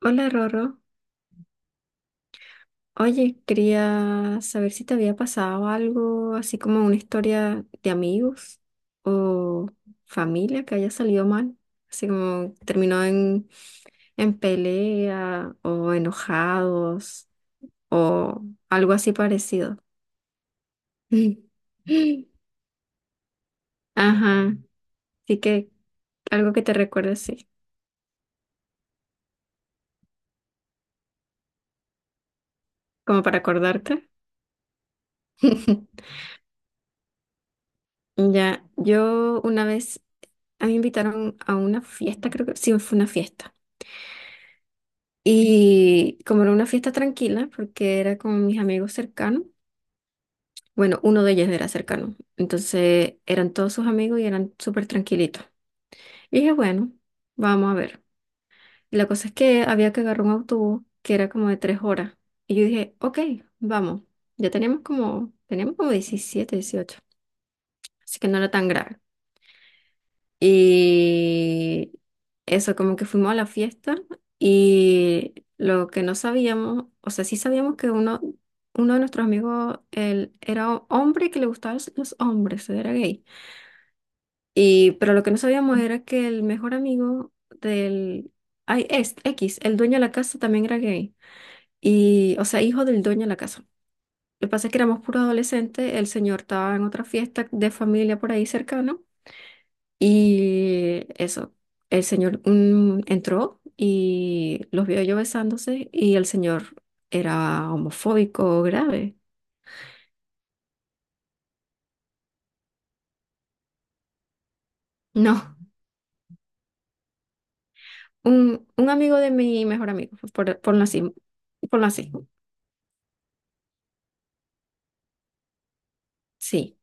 Hola Rorro, oye, quería saber si te había pasado algo así como una historia de amigos o familia que haya salido mal, así como terminó en pelea o enojados o algo así parecido. Ajá, así que algo que te recuerde así, como para acordarte. Ya, yo una vez, a mí me invitaron a una fiesta, creo que sí, fue una fiesta. Y como era una fiesta tranquila, porque era con mis amigos cercanos, bueno, uno de ellos era cercano, entonces eran todos sus amigos y eran súper tranquilitos. Y dije, bueno, vamos a ver. Y la cosa es que había que agarrar un autobús que era como de 3 horas. Y yo dije, ok, vamos. Ya teníamos como 17 18, así que no era tan grave. Y eso, como que fuimos a la fiesta y lo que no sabíamos, o sea, sí sabíamos que uno de nuestros amigos, él era hombre y que le gustaban los hombres, era gay. Y, pero lo que no sabíamos era que el mejor amigo del ay, es, X, el dueño de la casa, también era gay. Y, o sea, hijo del dueño de la casa. Lo que pasa es que éramos puros adolescentes, el señor estaba en otra fiesta de familia por ahí cercano. Y eso, el señor entró y los vio yo besándose y el señor era homofóbico grave. No, un amigo de mi mejor amigo, por así, sí.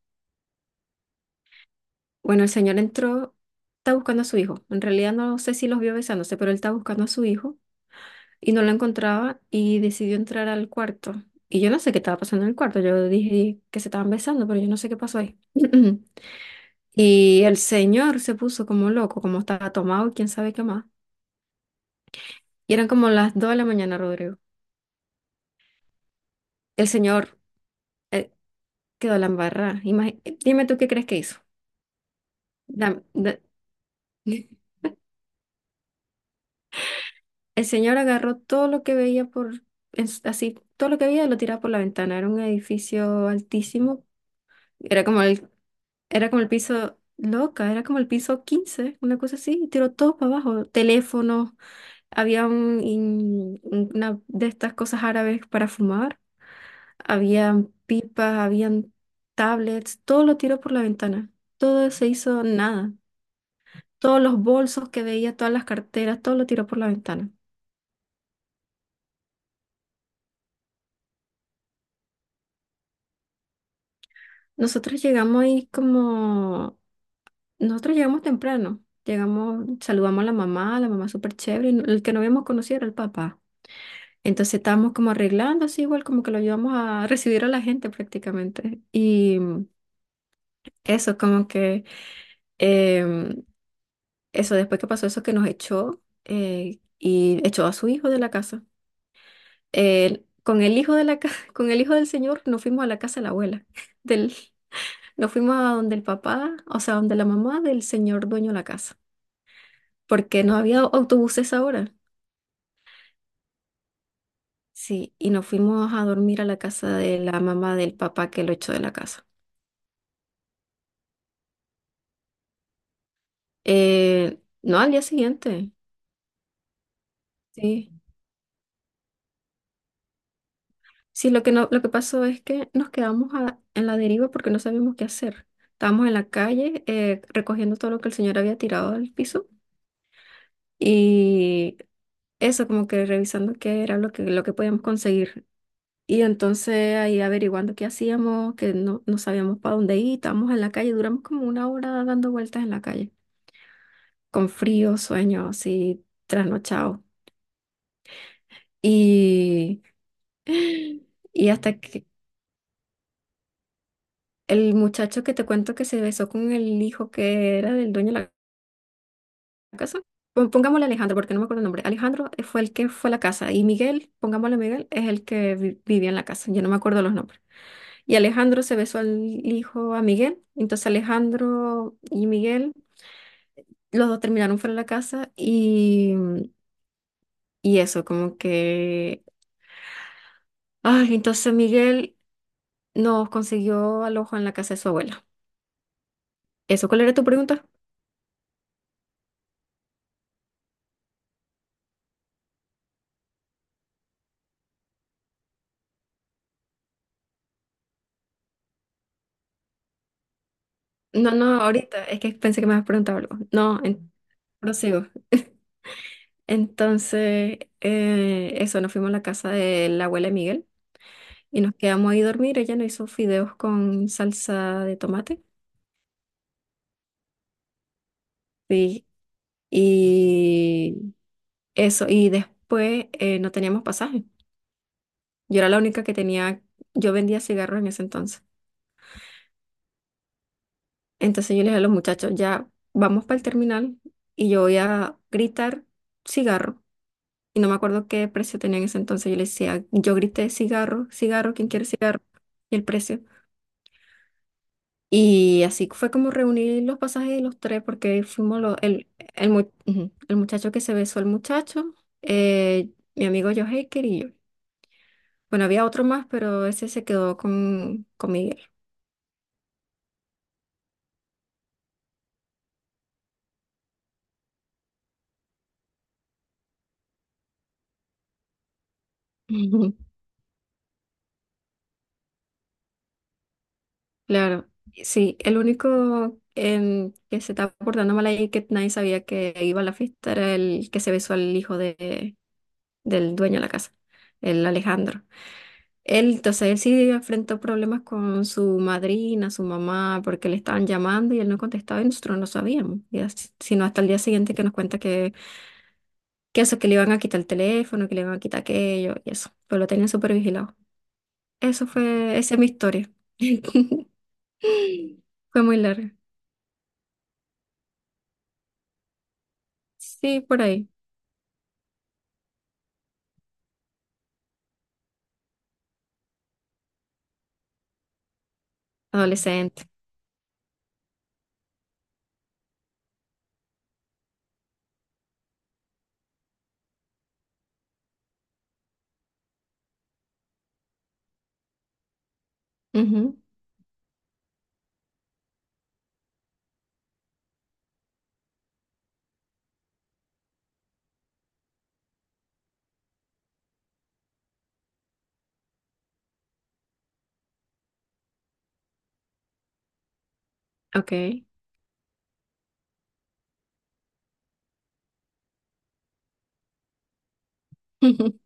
Bueno, el señor entró, está buscando a su hijo. En realidad no sé si los vio besándose, pero él está buscando a su hijo y no lo encontraba y decidió entrar al cuarto. Y yo no sé qué estaba pasando en el cuarto. Yo dije que se estaban besando, pero yo no sé qué pasó ahí. Y el señor se puso como loco, como estaba tomado y quién sabe qué más. Y eran como las 2 de la mañana, Rodrigo. El señor eh, quedó la embarrada. Dime tú qué crees que hizo. Dam- da- el señor agarró todo lo que veía así, todo lo que veía lo tiraba por la ventana. Era un edificio altísimo. Era como el, era como el piso loca, era como el piso 15 una cosa así. Y tiró todo para abajo. Teléfonos, había una de estas cosas árabes para fumar. Habían pipas, habían tablets, todo lo tiró por la ventana. Todo se hizo nada. Todos los bolsos que veía, todas las carteras, todo lo tiró por la ventana. Nosotros llegamos ahí como... Nosotros llegamos temprano. Llegamos, saludamos a la mamá súper chévere. Y no, el que no habíamos conocido era el papá. Entonces estábamos como arreglando así, igual como que lo ayudamos a recibir a la gente prácticamente. Eso, como que... em, Eso, después que pasó eso que nos echó, y echó a su hijo de la casa. El con el hijo de la ca- Con el hijo del señor nos fuimos a la casa de la abuela. Del, nos fuimos a donde el papá, o sea, donde la mamá del señor dueño de la casa, porque no había autobuses ahora. Sí, y nos fuimos a dormir a la casa de la mamá del papá que lo echó de la casa. No, al día siguiente. Sí. Sí, lo que no, lo que pasó es que nos quedamos en la deriva porque no sabíamos qué hacer. Estábamos en la calle recogiendo todo lo que el señor había tirado del piso y eso, como que revisando qué era lo que podíamos conseguir. Y entonces ahí averiguando qué hacíamos, que no, no sabíamos para dónde ir, estábamos en la calle, duramos como 1 hora dando vueltas en la calle, con frío, sueño, así, trasnochado. Y, y hasta el muchacho que te cuento que se besó con el hijo que era del dueño de la casa. Pongámosle Alejandro, porque no me acuerdo el nombre. Alejandro fue el que fue a la casa y Miguel, pongámosle Miguel, es el que vivía en la casa. Yo no me acuerdo los nombres. Y Alejandro se besó al hijo a Miguel. Entonces Alejandro y Miguel, los dos terminaron fuera de la casa y eso, como que... Ay, entonces Miguel nos consiguió alojo en la casa de su abuela. ¿Eso cuál era tu pregunta? No, no, ahorita, es que pensé que me habías preguntado algo. No, prosigo. Entonces, eso, nos fuimos a la casa de la abuela de Miguel y nos quedamos ahí a dormir. Ella nos hizo fideos con salsa de tomate. Sí, y eso, y después no teníamos pasaje. Yo era la única que tenía, yo vendía cigarros en ese entonces. Entonces yo les dije a los muchachos, ya vamos para el terminal y yo voy a gritar cigarro. Y no me acuerdo qué precio tenía en ese entonces. Yo les decía, yo grité cigarro, cigarro, ¿quién quiere cigarro? Y el precio. Y así fue como reunir los pasajes de los tres, porque fuimos los, el, mu- ujú, el muchacho que se besó, el muchacho, eh, mi amigo Joe Haker y yo. Bueno, había otro más, pero ese se quedó con Miguel. Ujú. Claro, sí, el único que se estaba portando mal ahí que nadie sabía que iba a la fiesta era el que se besó al hijo de, del dueño de la casa, el Alejandro. Entonces él sí enfrentó problemas con su madrina, su mamá, porque le estaban llamando y él no contestaba y nosotros no sabíamos. Y sino hasta el día siguiente que nos cuenta que le iban a quitar el teléfono, que le iban a quitar aquello y eso. Pero lo tenían súper vigilado. Eso fue, esa es mi historia. Fue muy larga. Sí, por ahí. Adolescente. Ujú, ok.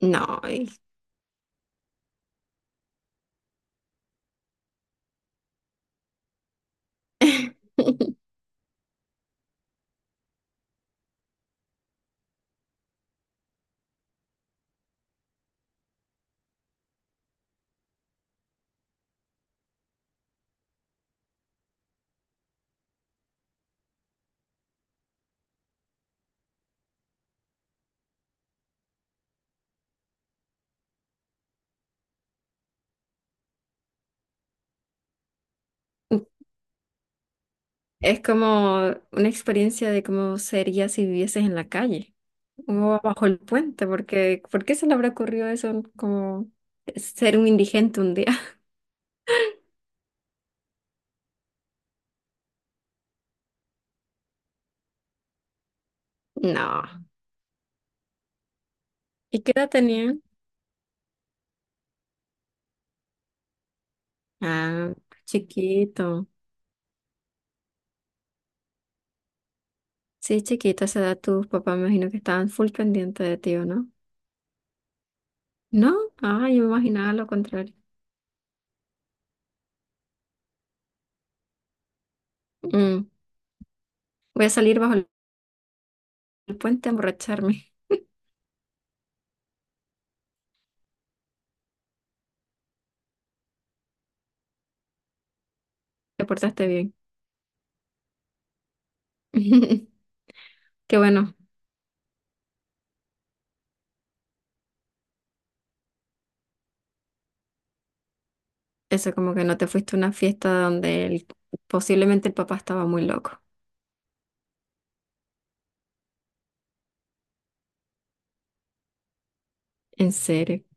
No. Es como una experiencia de cómo sería si vivieses en la calle o bajo el puente, porque ¿por qué se le habrá ocurrido eso como ser un indigente un día? No. ¿Y qué edad tenían? Ah, chiquito. Sí, chiquito, a esa edad tus papás me imagino que estaban full pendientes de ti, ¿o no? No, yo me imaginaba lo contrario. Mm, Voy a salir bajo el puente a emborracharme. Te portaste bien. Qué bueno. Eso como que no te fuiste a una fiesta donde posiblemente el papá estaba muy loco. En serio.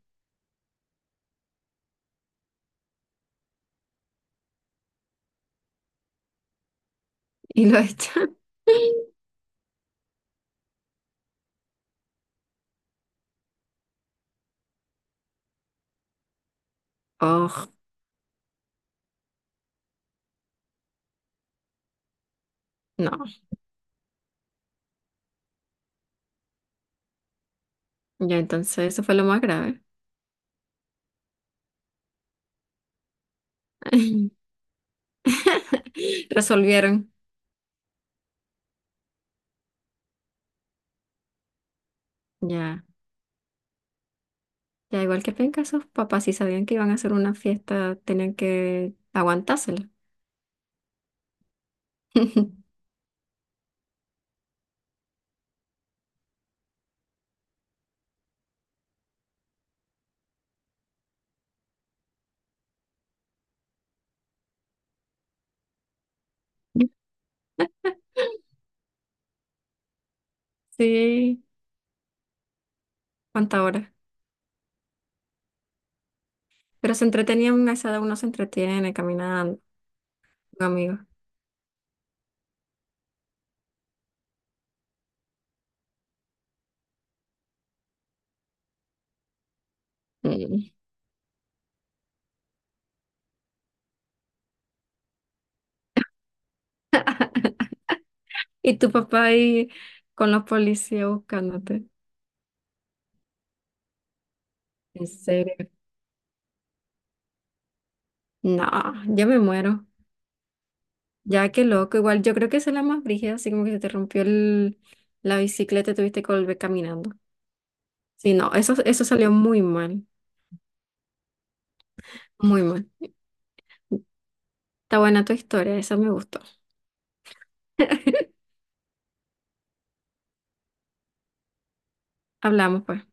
Y lo echan. Oh, no. Ya entonces eso fue lo más grave. Resolvieron. Ya. Ya igual que penca, esos papás si sabían que iban a hacer una fiesta, tenían que aguantársela. Sí, cuánta hora. Pero se entretenían, a esa edad uno se entretiene caminando con amigos. Mm. Y tu papá ahí con los policías buscándote. En serio. No, ya me muero. Ya, qué loco. Igual yo creo que esa es la más brígida, así como que se te rompió la bicicleta y tuviste que volver caminando. Sí, no, eso salió muy mal, muy mal. Está buena tu historia, esa me gustó. Hablamos pues.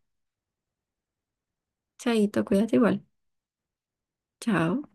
Chaito, cuídate igual. Chao.